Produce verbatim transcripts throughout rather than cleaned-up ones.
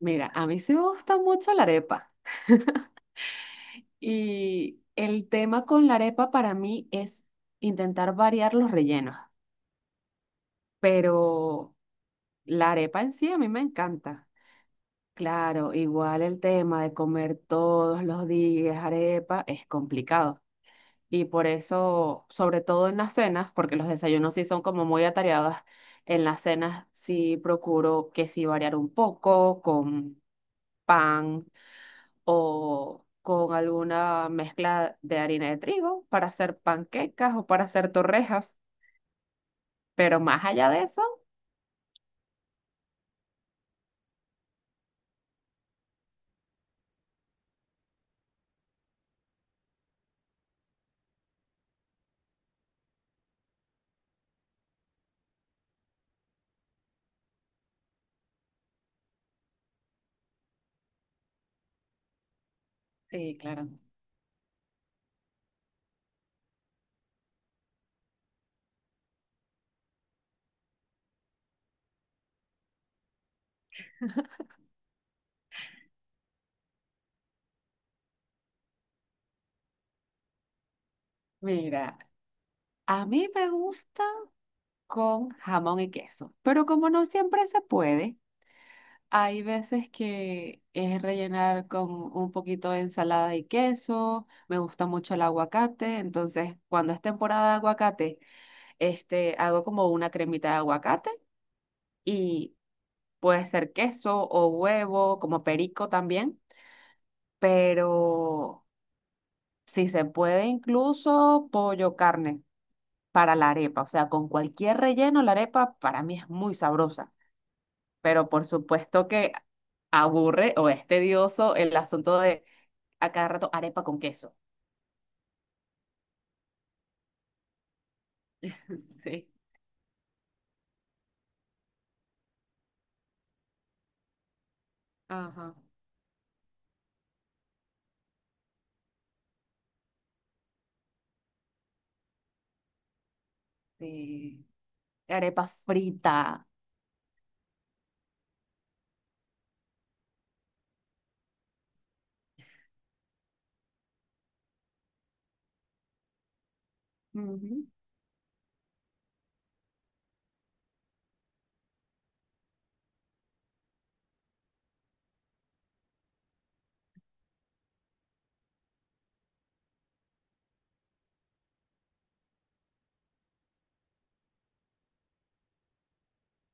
Mira, a mí sí me gusta mucho la arepa y el tema con la arepa para mí es intentar variar los rellenos, pero la arepa en sí a mí me encanta. Claro, igual el tema de comer todos los días arepa es complicado y por eso, sobre todo en las cenas, porque los desayunos sí son como muy atareados, en las cenas sí procuro que sí variar un poco con pan o con alguna mezcla de harina de trigo para hacer panquecas o para hacer torrejas. Pero más allá de eso, sí, claro. Mira, a mí me gusta con jamón y queso, pero como no siempre se puede, hay veces que es rellenar con un poquito de ensalada y queso. Me gusta mucho el aguacate, entonces cuando es temporada de aguacate, este, hago como una cremita de aguacate y puede ser queso o huevo, como perico también, pero si se puede incluso pollo carne para la arepa, o sea, con cualquier relleno la arepa para mí es muy sabrosa, pero por supuesto que aburre o es tedioso el asunto de a cada rato arepa con queso. Sí. Ajá. Sí. Arepa frita.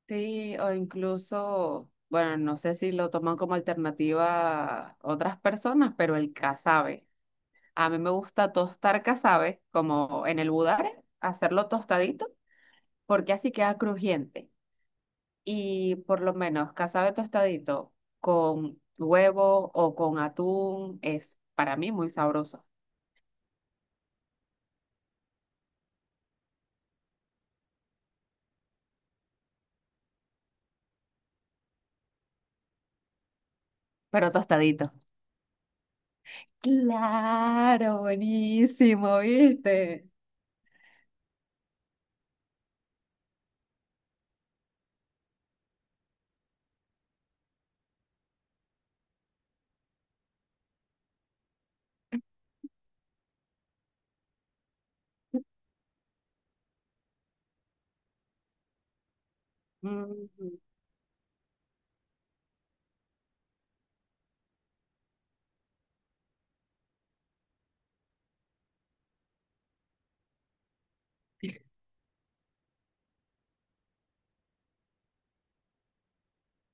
Sí, o incluso, bueno, no sé si lo toman como alternativa otras personas, pero el casabe. A mí me gusta tostar casabe, como en el budare, hacerlo tostadito, porque así queda crujiente. Y por lo menos casabe tostadito con huevo o con atún es para mí muy sabroso, pero tostadito. Claro, buenísimo, ¿viste? Mm.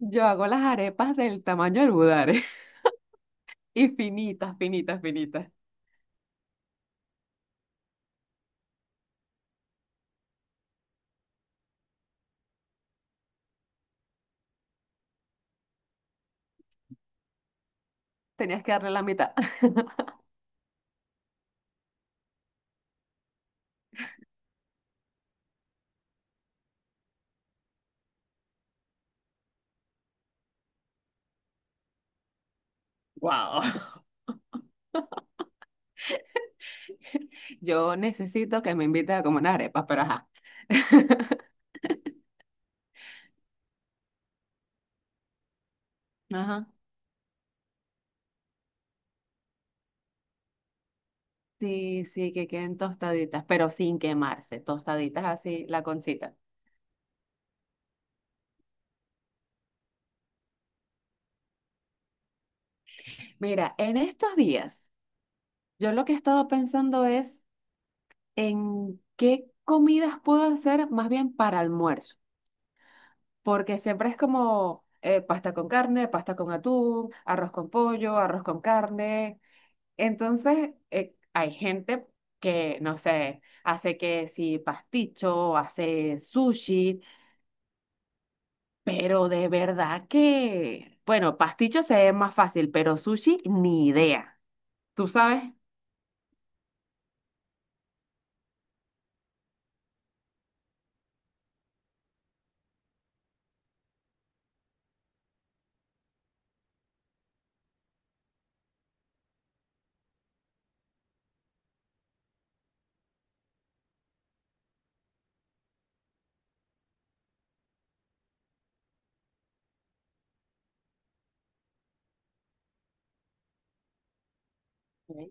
Yo hago las arepas del tamaño del budare. Y finitas, finitas, finitas. Tenías que darle la mitad. Wow. Yo necesito que me invites a comer unas arepas, pero ajá. Ajá. Sí, sí, que queden tostaditas, pero sin quemarse, tostaditas así, la concita. Mira, en estos días, yo lo que he estado pensando es en qué comidas puedo hacer más bien para almuerzo, porque siempre es como eh, pasta con carne, pasta con atún, arroz con pollo, arroz con carne. Entonces, eh, hay gente que, no sé, hace que si pasticho, hace sushi, pero de verdad que, bueno, pasticho se ve más fácil, pero sushi ni idea. ¿Tú sabes? Ok,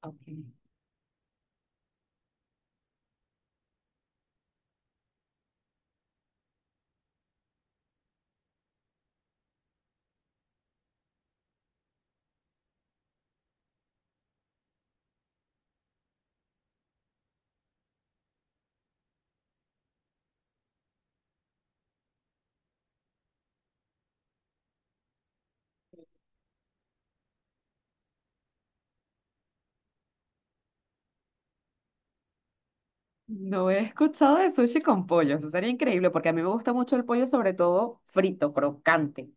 ok. No he escuchado de sushi con pollo, eso sería increíble porque a mí me gusta mucho el pollo, sobre todo frito, crocante.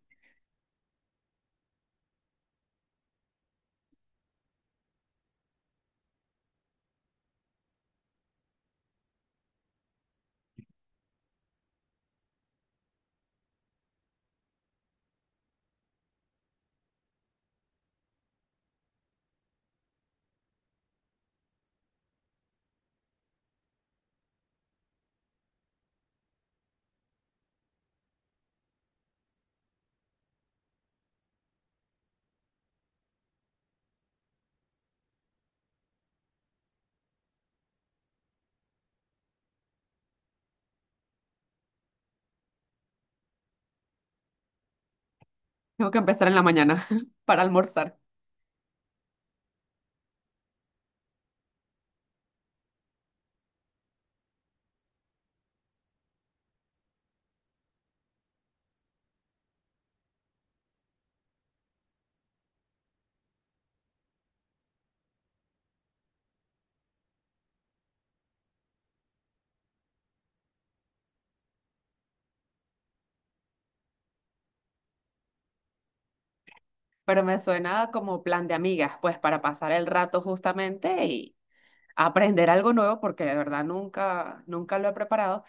Tengo que empezar en la mañana para almorzar, pero me suena como plan de amigas, pues para pasar el rato justamente aprender algo nuevo porque de verdad nunca, nunca lo he preparado,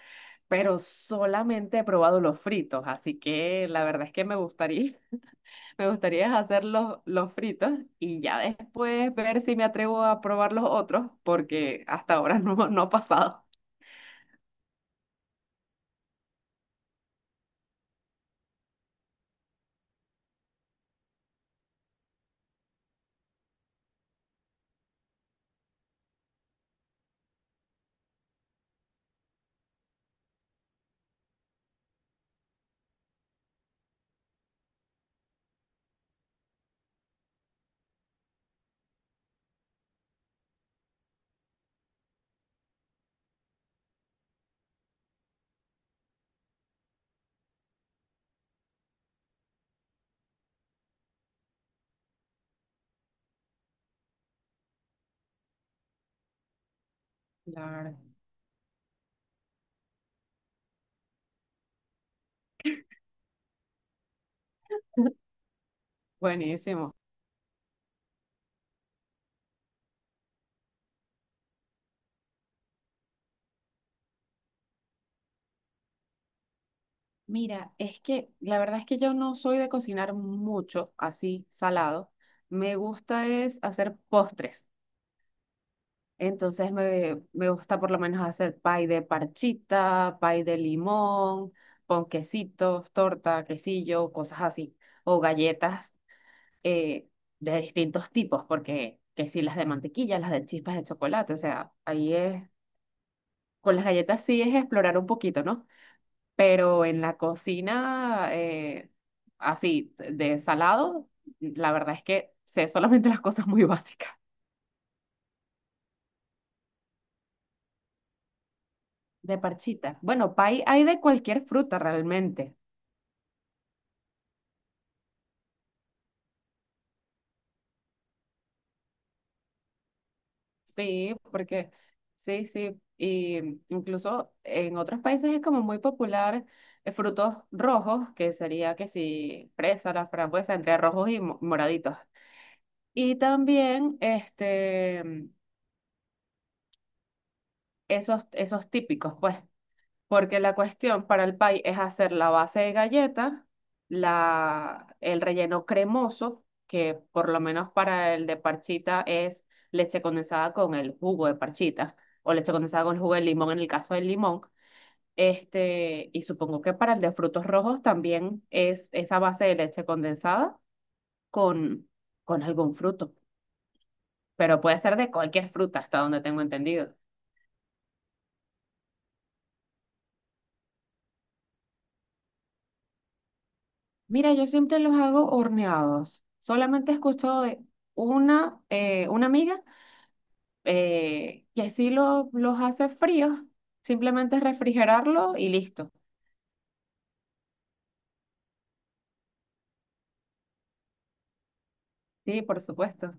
pero solamente he probado los fritos, así que la verdad es que me gustaría, me gustaría hacer los, los fritos y ya después ver si me atrevo a probar los otros porque hasta ahora no, no ha pasado. Claro. Buenísimo. Mira, es que la verdad es que yo no soy de cocinar mucho así salado. Me gusta es hacer postres. Entonces me, me gusta por lo menos hacer pay de parchita, pay de limón, con quesitos, torta, quesillo, cosas así. O galletas eh, de distintos tipos, porque que si las de mantequilla, las de chispas de chocolate, o sea, ahí es, con las galletas sí es explorar un poquito, ¿no? Pero en la cocina, eh, así, de salado, la verdad es que sé solamente las cosas muy básicas. De parchita. Bueno, pay hay de cualquier fruta realmente. Sí, porque sí, sí, y incluso en otros países es como muy popular eh, frutos rojos, que sería que si fresa, la frambuesa, entre rojos y mo- moraditos. Y también este, esos, esos típicos, pues. Porque la cuestión para el pie es hacer la base de galleta, la, el relleno cremoso, que por lo menos para el de parchita es leche condensada con el jugo de parchita, o leche condensada con el jugo de limón en el caso del limón. Este, y supongo que para el de frutos rojos también es esa base de leche condensada con, con algún fruto, pero puede ser de cualquier fruta, hasta donde tengo entendido. Mira, yo siempre los hago horneados. Solamente he escuchado de una, eh, una amiga eh, que sí lo- los hace fríos, simplemente es refrigerarlo y listo. Sí, por supuesto.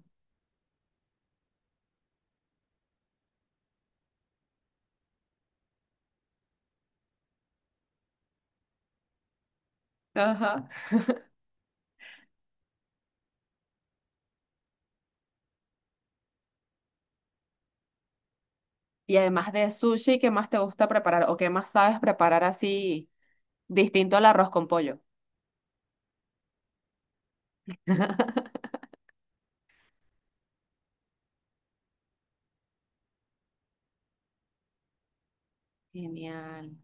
Ajá. Y además de sushi, ¿qué más te gusta preparar o qué más sabes preparar así distinto al arroz con pollo? Genial.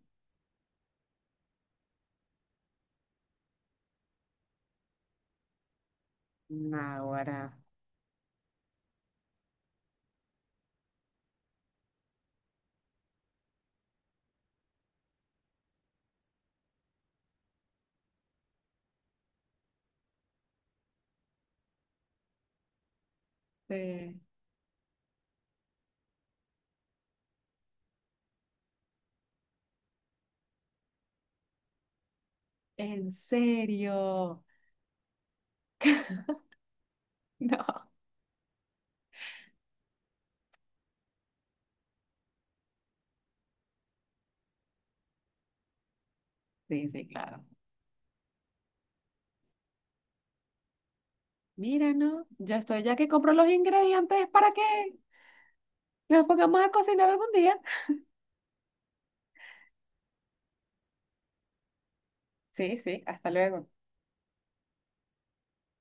Naguará. Sí. ¿En serio? No. Sí, sí, claro. Mira, ¿no? Yo estoy ya que compro los ingredientes para que nos pongamos a cocinar algún día. Sí, sí, hasta luego.